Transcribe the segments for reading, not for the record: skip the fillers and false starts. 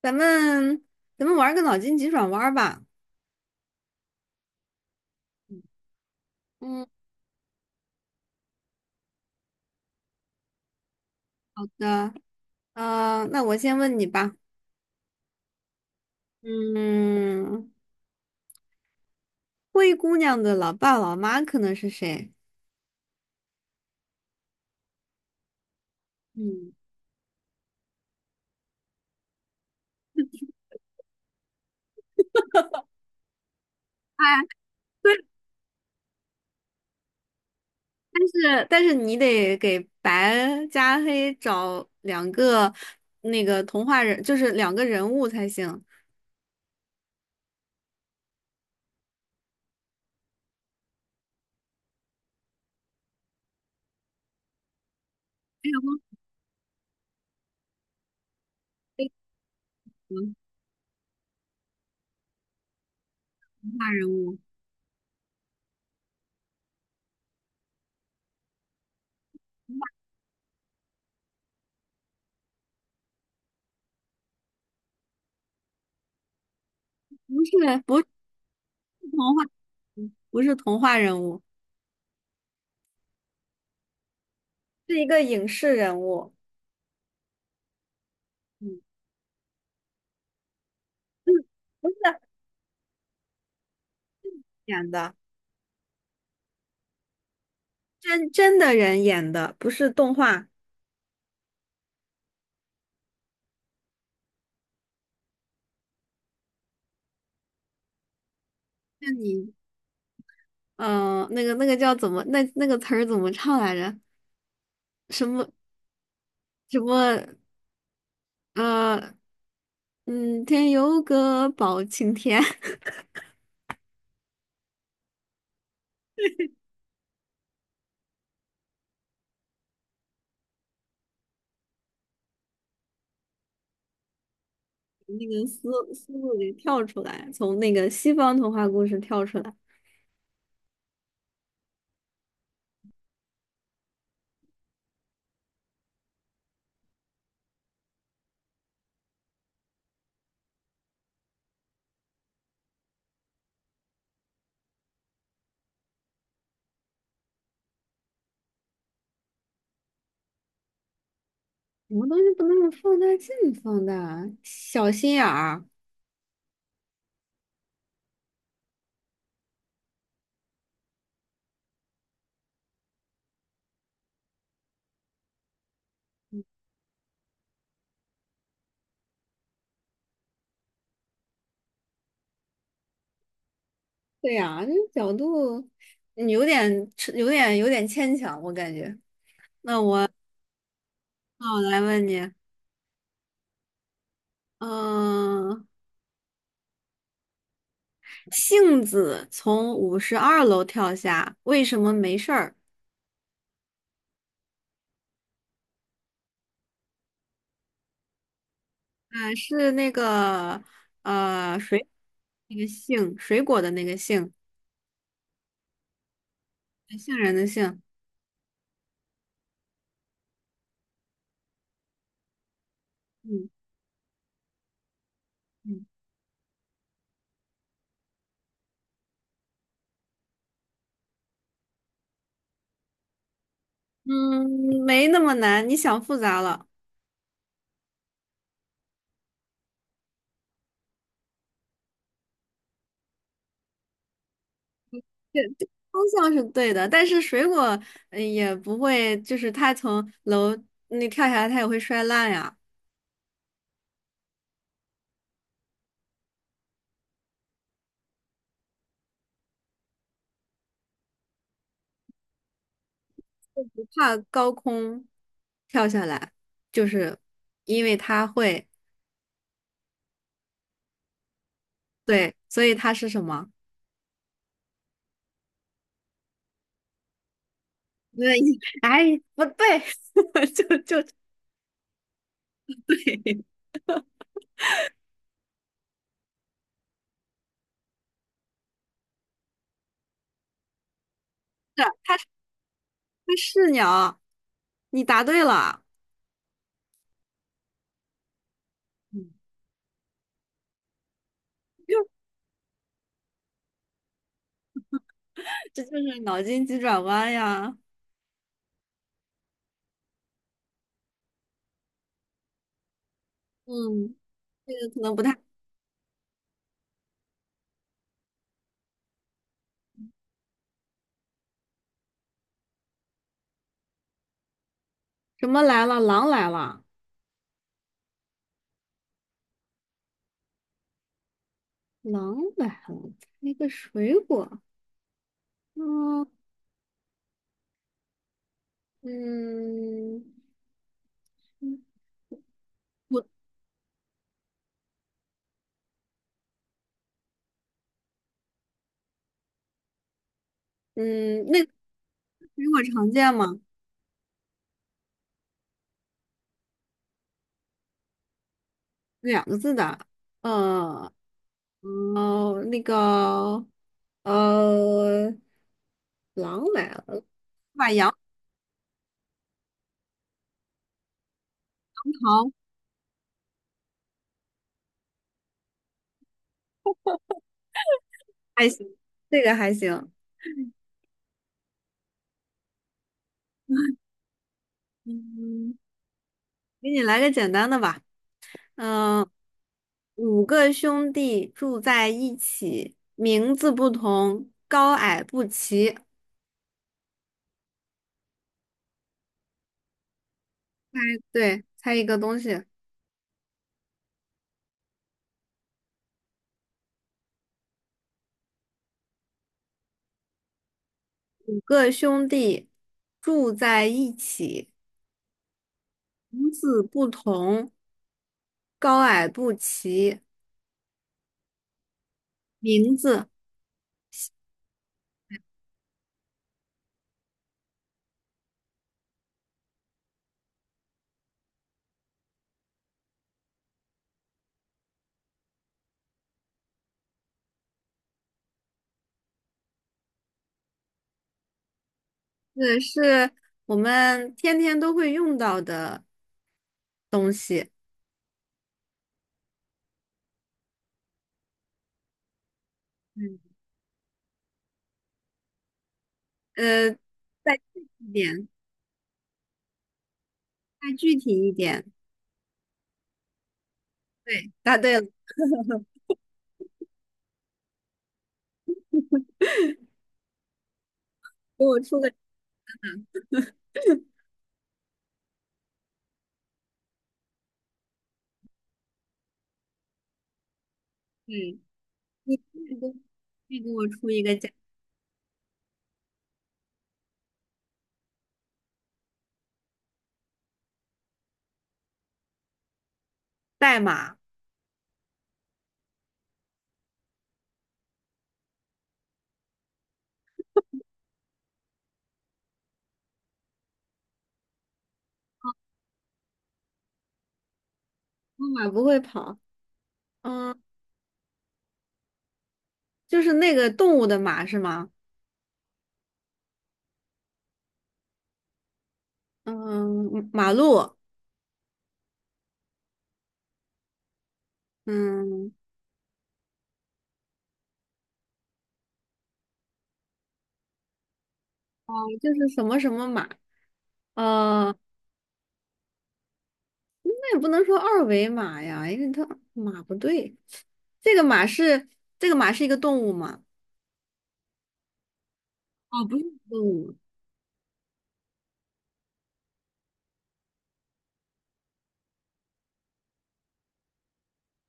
咱们咱们玩个脑筋急转弯儿吧。嗯好的，那我先问你吧。嗯，灰姑娘的老爸老妈可能是谁？嗯，哎，对，但是你得给白加黑找两个那个童话人，就是两个人物才行。哎呀，忘记了，童话人物不是，不是童话，不是童话人物，是一个影视人物。嗯，嗯，不是。演的，真的人演的，不是动画。那你，嗯、那个叫怎么，那个词儿怎么唱来着？什么什么，呃，天有个包青天，那个思路给跳出来，从那个西方童话故事跳出来。什么东西不能放大镜放大？小心眼儿。对呀、这角度，有点牵强，我感觉。那我来问你，嗯、杏子从52楼跳下，为什么没事儿？是那个呃水那个杏，水果的那个杏，杏仁的杏。嗯嗯嗯，没那么难，你想复杂了。这对方向是对的，但是水果也不会，就是它从楼那跳下来，它也会摔烂呀。不怕高空跳下来，就是因为它会，对，所以它是什么？那，哎，不对，就对，它是鸟，你答对了，嗯 这就是脑筋急转弯呀。嗯，这个可能不太，什么来了，狼来了，狼来了，那个水果，嗯嗯，我嗯，那个水果常见吗？两个字的，呃哦，那个呃，狼来了，把杨。还行，这个还行。嗯，给你来个简单的吧。嗯，五个兄弟住在一起，名字不同，高矮不齐。猜，对，猜一个东西。五个兄弟住在一起，名字不同，高矮不齐。名字，这是我们天天都会用到的东西。嗯，呃，再具体一点，再具体一点。对，答对了，给我出个，嗯，你给我出一个代码，我，马不会跑，嗯，就是那个动物的马是吗？嗯，马路，嗯，哦，就是什么什么马，呃，那也不能说二维码呀，因为它马不对，这个马是这个马是一个动物吗？哦，不是动物，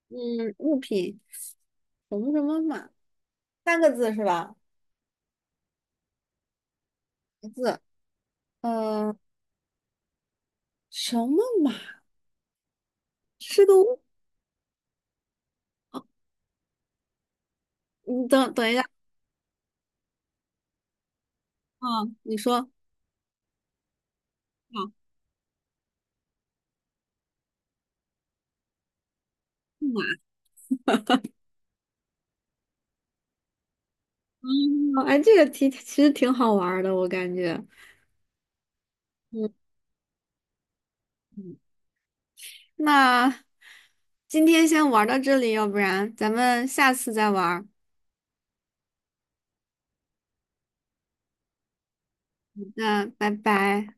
嗯，物品什么什么马，三个字是吧？一个字，呃，什么马是个物？哦，你等等一下，啊！你说，好，嗯啊，木马哦，哎，这个题其实挺好玩儿的，我感觉。嗯，嗯那今天先玩到这里，要不然咱们下次再玩儿，那拜拜。